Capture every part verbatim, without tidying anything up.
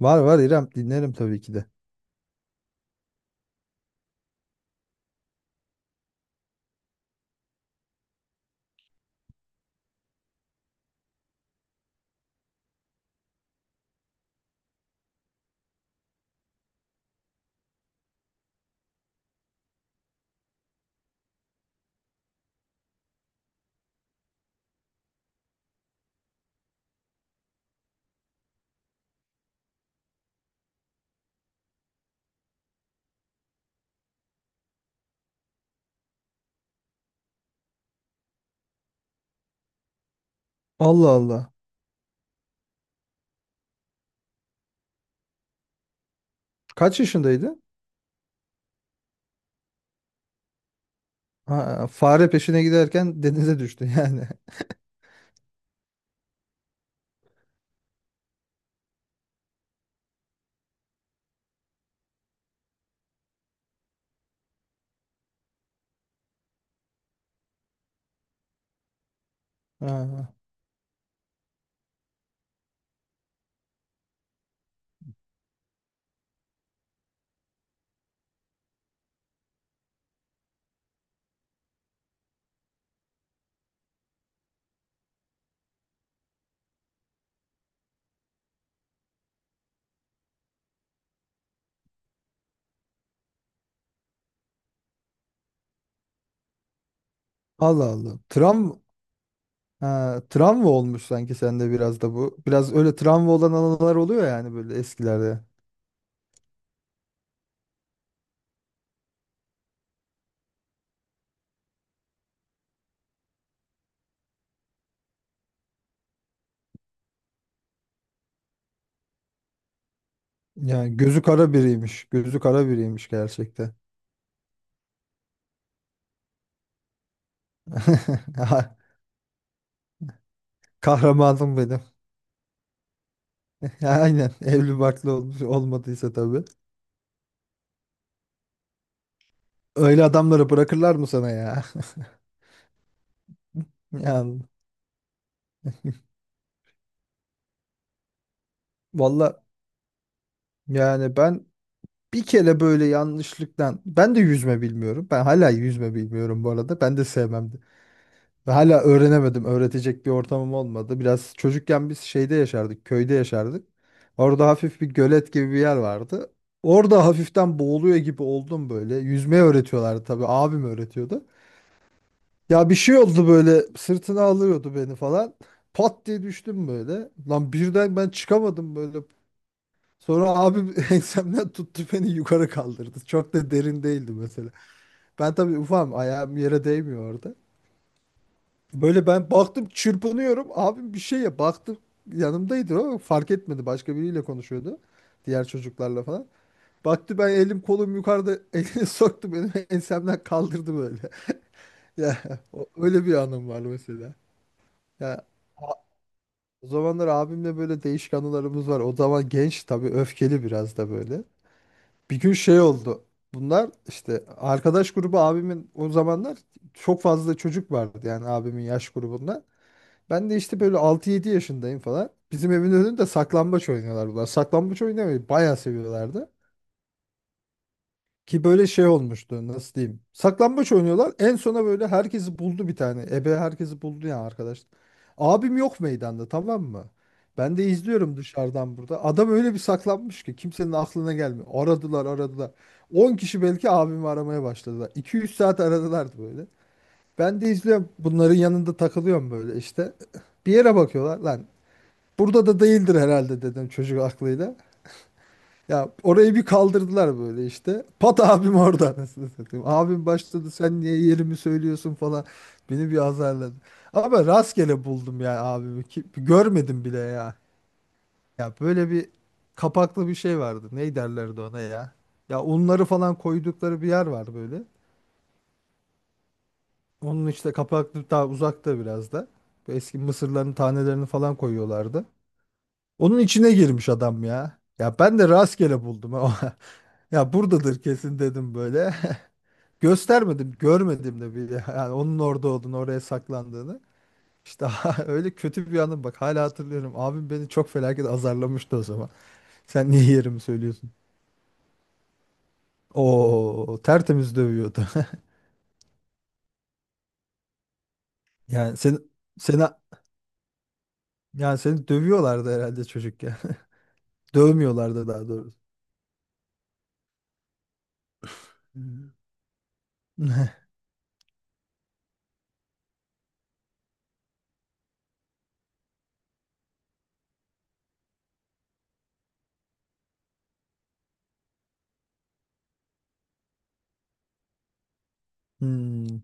Var var İrem, dinlerim tabii ki de. Allah Allah. Kaç yaşındaydı? Ha, fare peşine giderken denize düştü yani. Ha, Allah Allah. Tram ha, travma olmuş sanki sende biraz da bu. Biraz öyle travma olan anılar oluyor yani böyle eskilerde. Yani gözü kara biriymiş. Gözü kara biriymiş gerçekten. Ha, kahramanım benim. Ya, aynen. Evli barklı olmuş olmadıysa tabii. Öyle adamları bırakırlar mı sana ya? Yani, valla, yani ben bir kere böyle yanlışlıktan ben de yüzme bilmiyorum. Ben hala yüzme bilmiyorum bu arada. Ben de sevmemdi. Ve hala öğrenemedim. Öğretecek bir ortamım olmadı. Biraz çocukken biz şeyde yaşardık, köyde yaşardık. Orada hafif bir gölet gibi bir yer vardı. Orada hafiften boğuluyor gibi oldum böyle. Yüzmeyi öğretiyorlardı tabii. Abim öğretiyordu. Ya bir şey oldu böyle, sırtına alıyordu beni falan. Pat diye düştüm böyle. Lan birden ben çıkamadım böyle. Sonra abim ensemden tuttu, beni yukarı kaldırdı. Çok da derin değildi mesela. Ben tabii ufam, ayağım yere değmiyor orada. Böyle ben baktım çırpınıyorum. Abim bir şeye baktı, yanımdaydı o, fark etmedi. Başka biriyle konuşuyordu. Diğer çocuklarla falan. Baktı ben elim kolum yukarıda, elini soktu benim ensemden, kaldırdı böyle. Ya o- öyle bir anım var mesela. Ya a- O zamanlar abimle böyle değişik anılarımız var. O zaman genç tabii, öfkeli biraz da böyle. Bir gün şey oldu. Bunlar işte arkadaş grubu abimin, o zamanlar çok fazla çocuk vardı yani abimin yaş grubunda. Ben de işte böyle altı yedi yaşındayım falan. Bizim evin önünde saklambaç oynuyorlar bunlar. Saklambaç oynamayı bayağı seviyorlardı. Ki böyle şey olmuştu, nasıl diyeyim. Saklambaç oynuyorlar. En sona böyle herkesi buldu bir tane. Ebe herkesi buldu ya arkadaş. Abim yok meydanda, tamam mı? Ben de izliyorum dışarıdan burada. Adam öyle bir saklanmış ki kimsenin aklına gelmiyor. Aradılar aradılar. On kişi belki abimi aramaya başladılar. iki yüz saat aradılardı böyle. Ben de izliyorum. Bunların yanında takılıyorum böyle işte. Bir yere bakıyorlar lan. Burada da değildir herhalde dedim çocuk aklıyla. Ya orayı bir kaldırdılar böyle işte. Pat, abim orada. Anasını satayım. Abim başladı, sen niye yerimi söylüyorsun falan. Beni bir azarladı. Ama rastgele buldum ya abimi. Ki görmedim bile ya. Ya böyle bir kapaklı bir şey vardı. Ne derlerdi ona ya? Ya unları falan koydukları bir yer var böyle. Onun işte, kapaklı, daha uzakta biraz da. Bu eski mısırların tanelerini falan koyuyorlardı. Onun içine girmiş adam ya. Ya ben de rastgele buldum ha. Ya buradadır kesin dedim böyle. Göstermedim, görmedim de bile. Yani onun orada olduğunu, oraya saklandığını. İşte öyle kötü bir anım, bak hala hatırlıyorum. Abim beni çok felaket azarlamıştı o zaman. Sen niye yerimi söylüyorsun? Oo, tertemiz dövüyordu. Yani seni seni yani seni dövüyorlardı herhalde çocukken. Dövmüyorlardı daha doğrusu. Hmm. Hmm,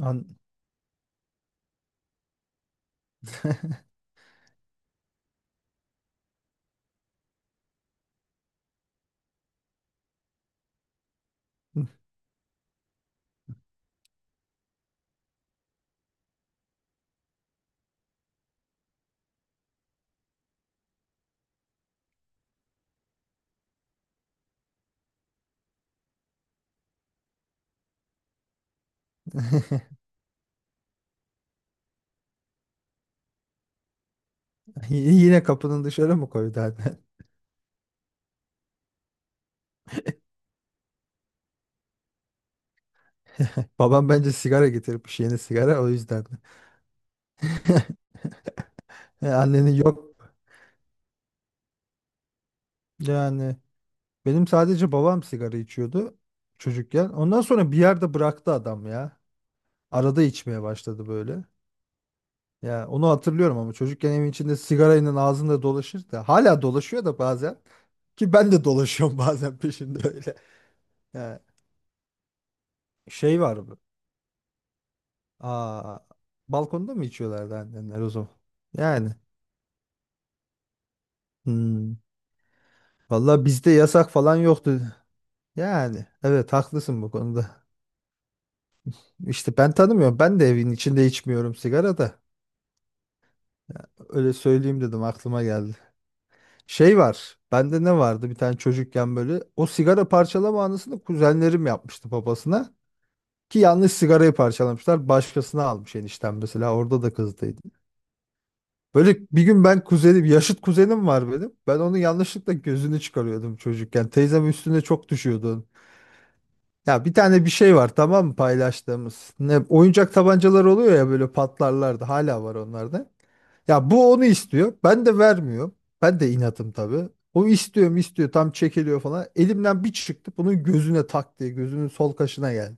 An- Y- Yine kapının dışarı mı koydu annen? Babam bence sigara getirmiş, yeni sigara, o yüzden. Annenin yok. Yani benim sadece babam sigara içiyordu çocukken. Ondan sonra bir yerde bıraktı adam ya. Arada içmeye başladı böyle. Ya onu hatırlıyorum ama, çocukken evin içinde sigarayla ağzında dolaşır, da hala dolaşıyor da bazen, ki ben de dolaşıyorum bazen peşinde öyle. Ya şey var bu. Aa, balkonda mı içiyorlardı annenler o zaman? Yani. Hmm. Vallahi bizde yasak falan yoktu. Yani evet, haklısın bu konuda. İşte ben tanımıyorum. Ben de evin içinde içmiyorum sigara da. Öyle söyleyeyim dedim, aklıma geldi. Şey var. Bende ne vardı bir tane çocukken böyle. O sigara parçalama anısını kuzenlerim yapmıştı babasına. Ki yanlış sigarayı parçalamışlar. Başkasına almış enişten mesela. Orada da kızdıydı. Böyle bir gün ben, kuzenim, yaşıt kuzenim var benim. Ben onun yanlışlıkla gözünü çıkarıyordum çocukken. Teyzem üstüne çok düşüyordu. Ya bir tane bir şey var tamam mı paylaştığımız. Ne, oyuncak tabancalar oluyor ya böyle, patlarlardı. Hala var onlarda. Ya bu onu istiyor. Ben de vermiyorum. Ben de inatım tabii. O istiyorum istiyor, tam çekiliyor falan. Elimden bir çıktı bunun gözüne, tak diye gözünün sol kaşına geldi.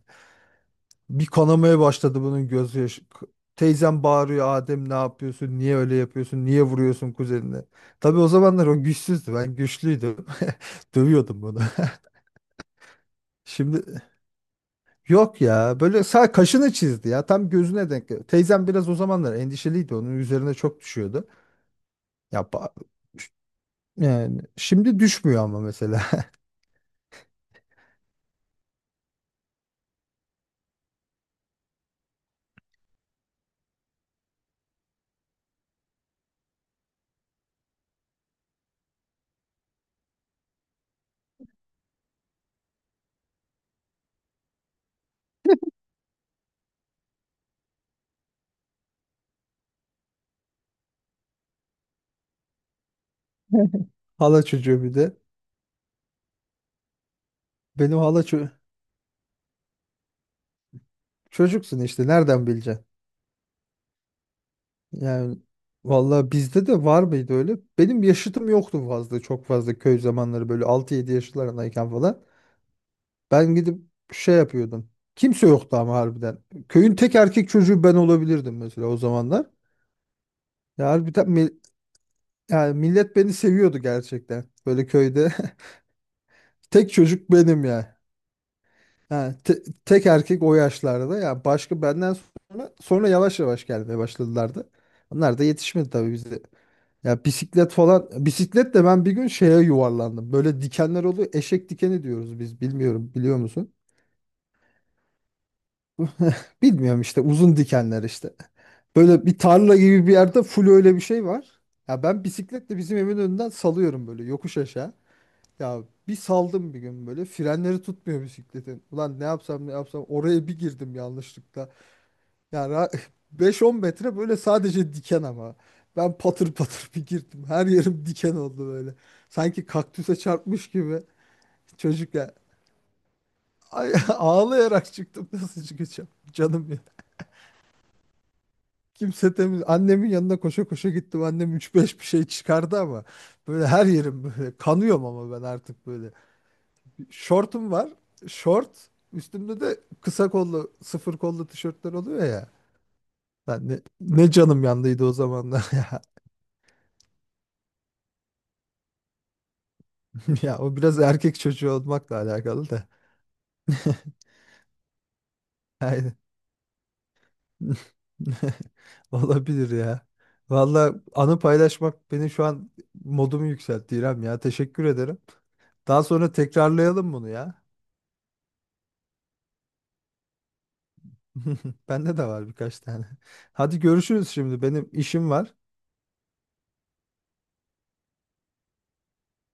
Bir kanamaya başladı bunun göz yaşı. K- Teyzem bağırıyor, Adem ne yapıyorsun? Niye öyle yapıyorsun? Niye vuruyorsun kuzenine? Tabii o zamanlar o güçsüzdü. Ben güçlüydüm. Dövüyordum bunu. Şimdi yok ya, böyle sağ kaşını çizdi ya, tam gözüne denk geldi. Teyzem biraz o zamanlar endişeliydi, onun üzerine çok düşüyordu. Ya ba- Yani şimdi düşmüyor ama mesela. Hala çocuğu bir de. Benim hala ço- Çocuksun işte, nereden bileceksin? Yani vallahi bizde de var mıydı öyle? Benim yaşıtım yoktu fazla, çok fazla köy zamanları böyle altı yedi yaşlarındayken falan. Ben gidip şey yapıyordum. Kimse yoktu ama harbiden. Köyün tek erkek çocuğu ben olabilirdim mesela o zamanlar. Ya harbiden mi- yani millet beni seviyordu gerçekten. Böyle köyde tek çocuk benim ya. Ha, te- tek erkek o yaşlarda ya, başka benden sonra sonra yavaş yavaş gelmeye başladılardı. Onlar da yetişmedi tabii bize. Ya bisiklet falan, bisikletle ben bir gün şeye yuvarlandım. Böyle dikenler oluyor. Eşek dikeni diyoruz biz. Bilmiyorum, biliyor musun? Bilmiyorum işte, uzun dikenler işte. Böyle bir tarla gibi bir yerde full öyle bir şey var. Ya ben bisikletle bizim evin önünden salıyorum böyle yokuş aşağı. Ya bir saldım bir gün böyle, frenleri tutmuyor bisikletin. Ulan ne yapsam ne yapsam, oraya bir girdim yanlışlıkla. Yani ra- beş on metre böyle sadece diken ama. Ben patır patır bir girdim. Her yerim diken oldu böyle. Sanki kaktüse çarpmış gibi. Çocuk ya. Ay, ağlayarak çıktım. Nasıl çıkacağım? Canım ya. Kimse temiz. Annemin yanına koşa koşa gittim. Annem üç beş bir şey çıkardı ama. Böyle her yerim böyle. Kanıyorum ama ben artık böyle. Şortum var. Şort. Üstümde de kısa kollu, sıfır kollu tişörtler oluyor ya. Ben ne, ne canım yandıydı o zamanlar ya. Ya o biraz erkek çocuğu olmakla alakalı da. Yani olabilir ya. Valla anı paylaşmak beni şu an modumu yükseltti İrem ya. Teşekkür ederim. Daha sonra tekrarlayalım bunu ya. Bende de var birkaç tane. Hadi görüşürüz şimdi. Benim işim var.